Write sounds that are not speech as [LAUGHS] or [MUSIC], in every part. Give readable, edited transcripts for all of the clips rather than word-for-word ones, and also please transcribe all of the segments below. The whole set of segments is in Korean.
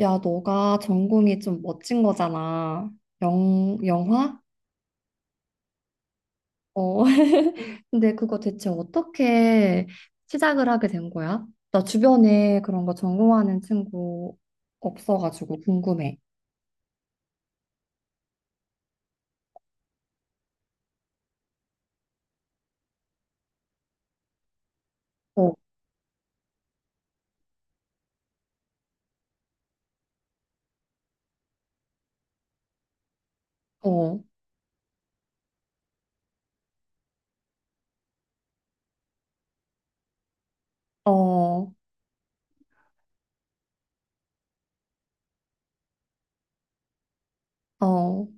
야, 너가 전공이 좀 멋진 거잖아. 영화? 어. [LAUGHS] 근데 그거 대체 어떻게 시작을 하게 된 거야? 나 주변에 그런 거 전공하는 친구 없어가지고 궁금해. 어, 어, 어, 어.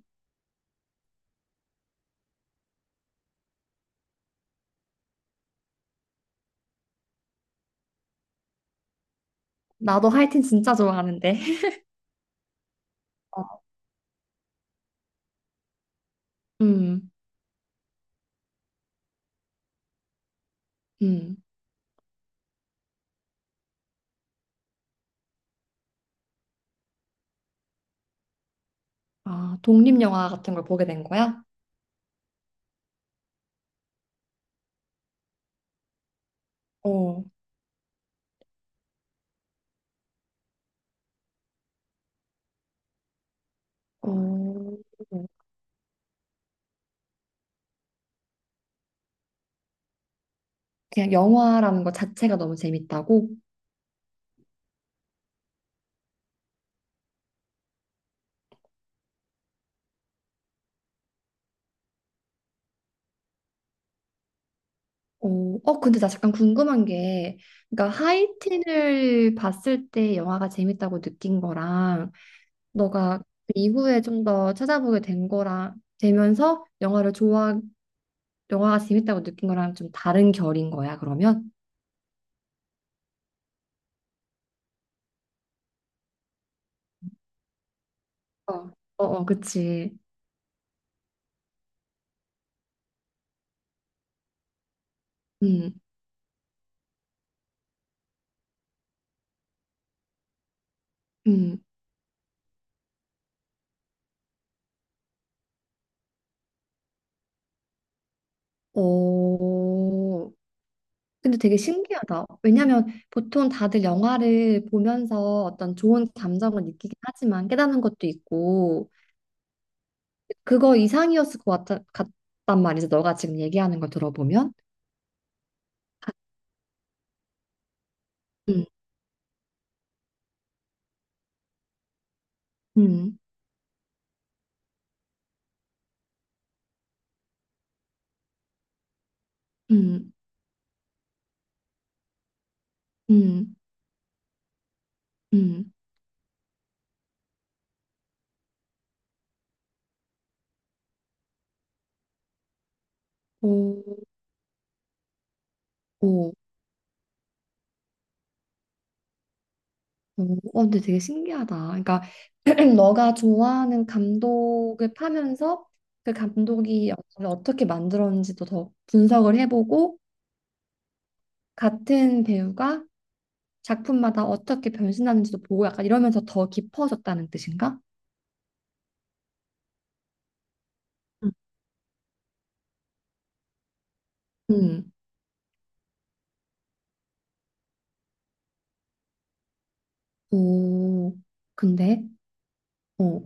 나도 하이틴 진짜 좋아하는데. [LAUGHS] 어. 음, 음. 아, 독립영화 같은 걸 보게 된 거야? 어, 어. 그냥 영화라는 것 자체가 너무 재밌다고? 오, 어, 근데 나 잠깐 궁금한 게, 그러니까 하이틴을 봤을 때 영화가 재밌다고 느낀 거랑, 너가 그 이후에 좀 더 찾아보게 된 거랑, 되면서 영화를 좋아, 영화가 재밌다고 느낀 거랑 좀 다른 결인 거야, 그러면? 어, 어, 어, 그치. 음, 음. 오, 근데 되게 신기하다. 왜냐면 보통 다들 영화를 보면서 어떤 좋은 감정을 느끼긴 하지만 깨닫는 것도 있고, 그거 이상이었을 것 같단 말이지. 너가 지금 얘기하는 걸 들어보면. 음, 음, 음, 음, 음. 오, 오, 오. 어, 근데 되게 신기하다. 그러니까 [CLEARS THROAT] 너가 좋아하는 감독을 파면서 그 감독이 영화를 어떻게 만들었는지도 더 분석을 해보고 같은 배우가 작품마다 어떻게 변신하는지도 보고 약간 이러면서 더 깊어졌다는 뜻인가? 음, 오, 근데, 어,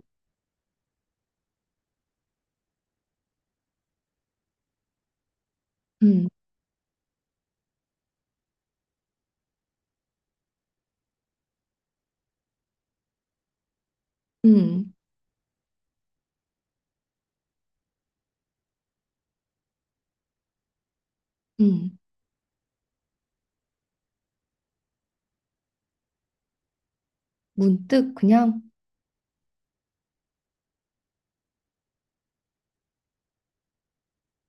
음, 음. 음, 문득 그냥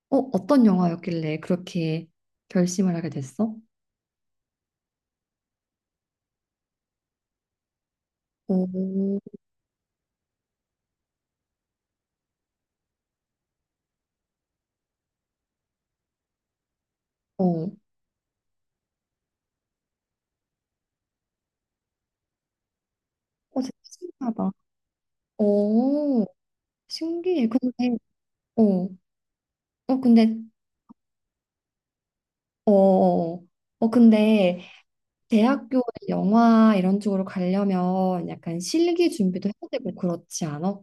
어, 어떤 영화였길래 그렇게 결심을 하게 됐어? 오, 어, 어, 진짜 신기하다. 오, 신기해. 근데, 어, 어, 근데, 어, 어, 어, 근데 대학교에 영화 이런 쪽으로 가려면 약간 실기 준비도 해야 되고 그렇지 않아?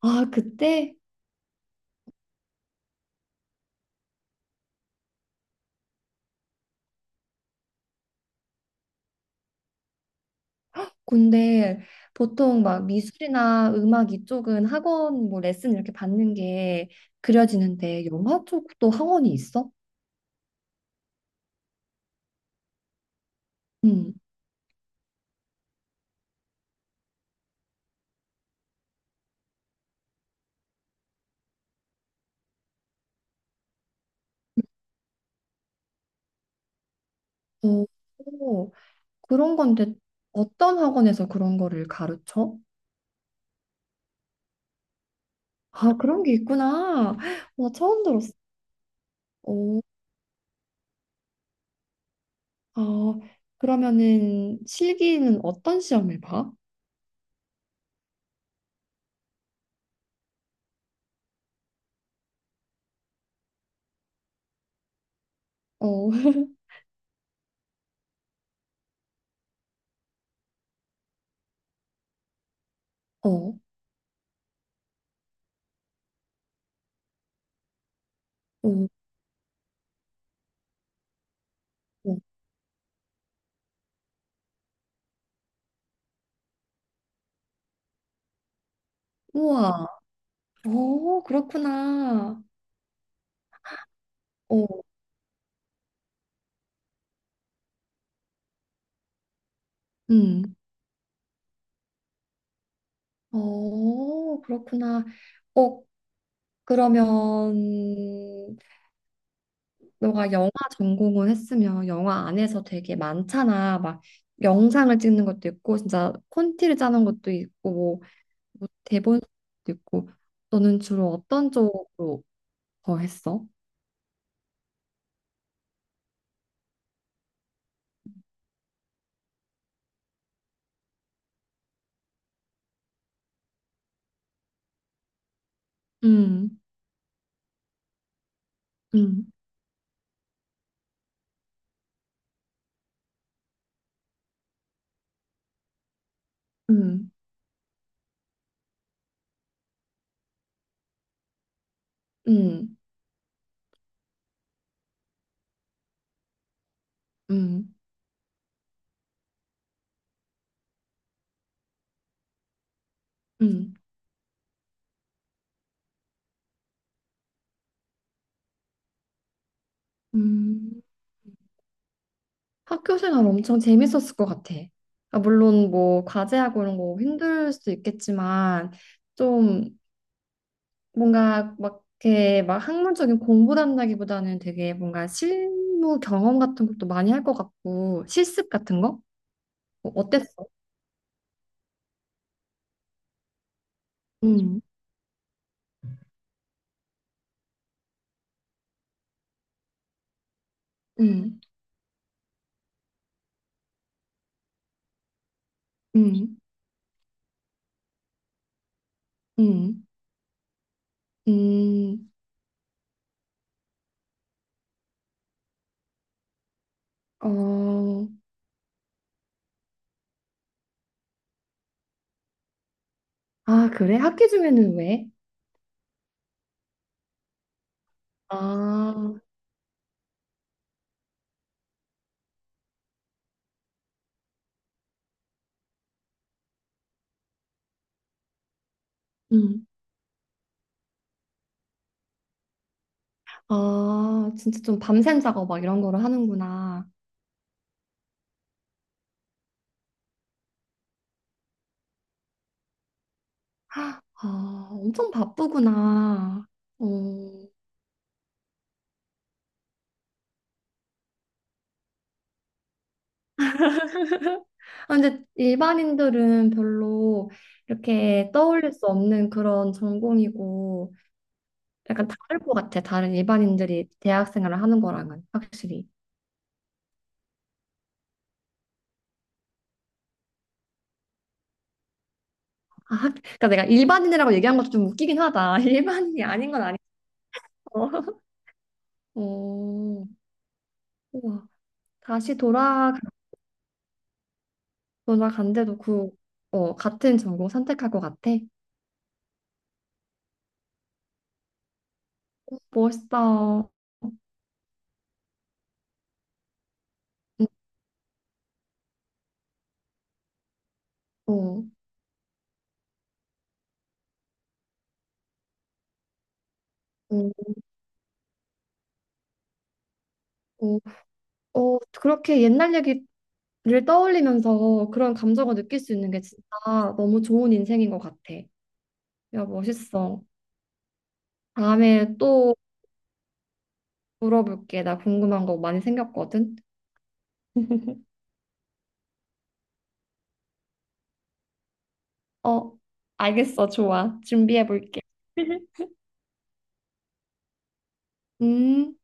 아, 그때 근데 보통 막 미술이나 음악 이쪽은 학원 뭐 레슨 이렇게 받는 게 그려지는데 영화 쪽도 학원이 있어? 응. 오, 오, 그런 건데 어떤 학원에서 그런 거를 가르쳐? 아, 그런 게 있구나. 나 처음 들었어. 오, 아, 그러면은 실기는 어떤 시험을 봐? 어, [LAUGHS] 어, 어, 어. 우와. 오, 그렇구나. 어, 음. 어, 그렇구나. 어, 그러면 너가 영화 전공을 했으면 영화 안에서 되게 많잖아. 막 영상을 찍는 것도 있고 진짜 콘티를 짜는 것도 있고 뭐 대본도 있고 너는 주로 어떤 쪽으로 더 했어? 음, 음, 음, 음, 음, 음, 음. 음. 학교 생활 엄청 재밌었을 것 같아. 아, 물론 뭐 과제하고 이런 거 힘들 수도 있겠지만 좀 뭔가 막 이렇게 막 학문적인 공부한다기보다는 되게 뭔가 실무 경험 같은 것도 많이 할 것 같고 실습 같은 거? 어, 어땠어? 음, 음, 음, 음, 음, 어, 아, 그래? 학기 중에는 왜? 아, 음, 아, 진짜 좀 밤샘 작업 막 이런 거를 하는구나. 아, 엄청 바쁘구나. 어. 아, 근데 일반인들은 별로 이렇게 떠올릴 수 없는 그런 전공이고 약간 다를 것 같아. 다른 일반인들이 대학 생활을 하는 거랑은 확실히. 아, 그러니까 내가 일반인이라고 얘기한 것도 좀 웃기긴 하다. [LAUGHS] 일반인이 아닌 건 아니고. [LAUGHS] 어, 우와. 다시 돌아간데도 그 어, 같은 전공 선택할 것 같아. 멋있어. 음, 어, 음, 어. 어, 그렇게 옛날 얘기를 떠올리면서 그런 감정을 느낄 수 있는 게 진짜 너무 좋은 인생인 것 같아. 야, 멋있어. 다음에 또 물어볼게. 나 궁금한 거 많이 생겼거든. 어, 알겠어. 좋아. 준비해 볼게. 음.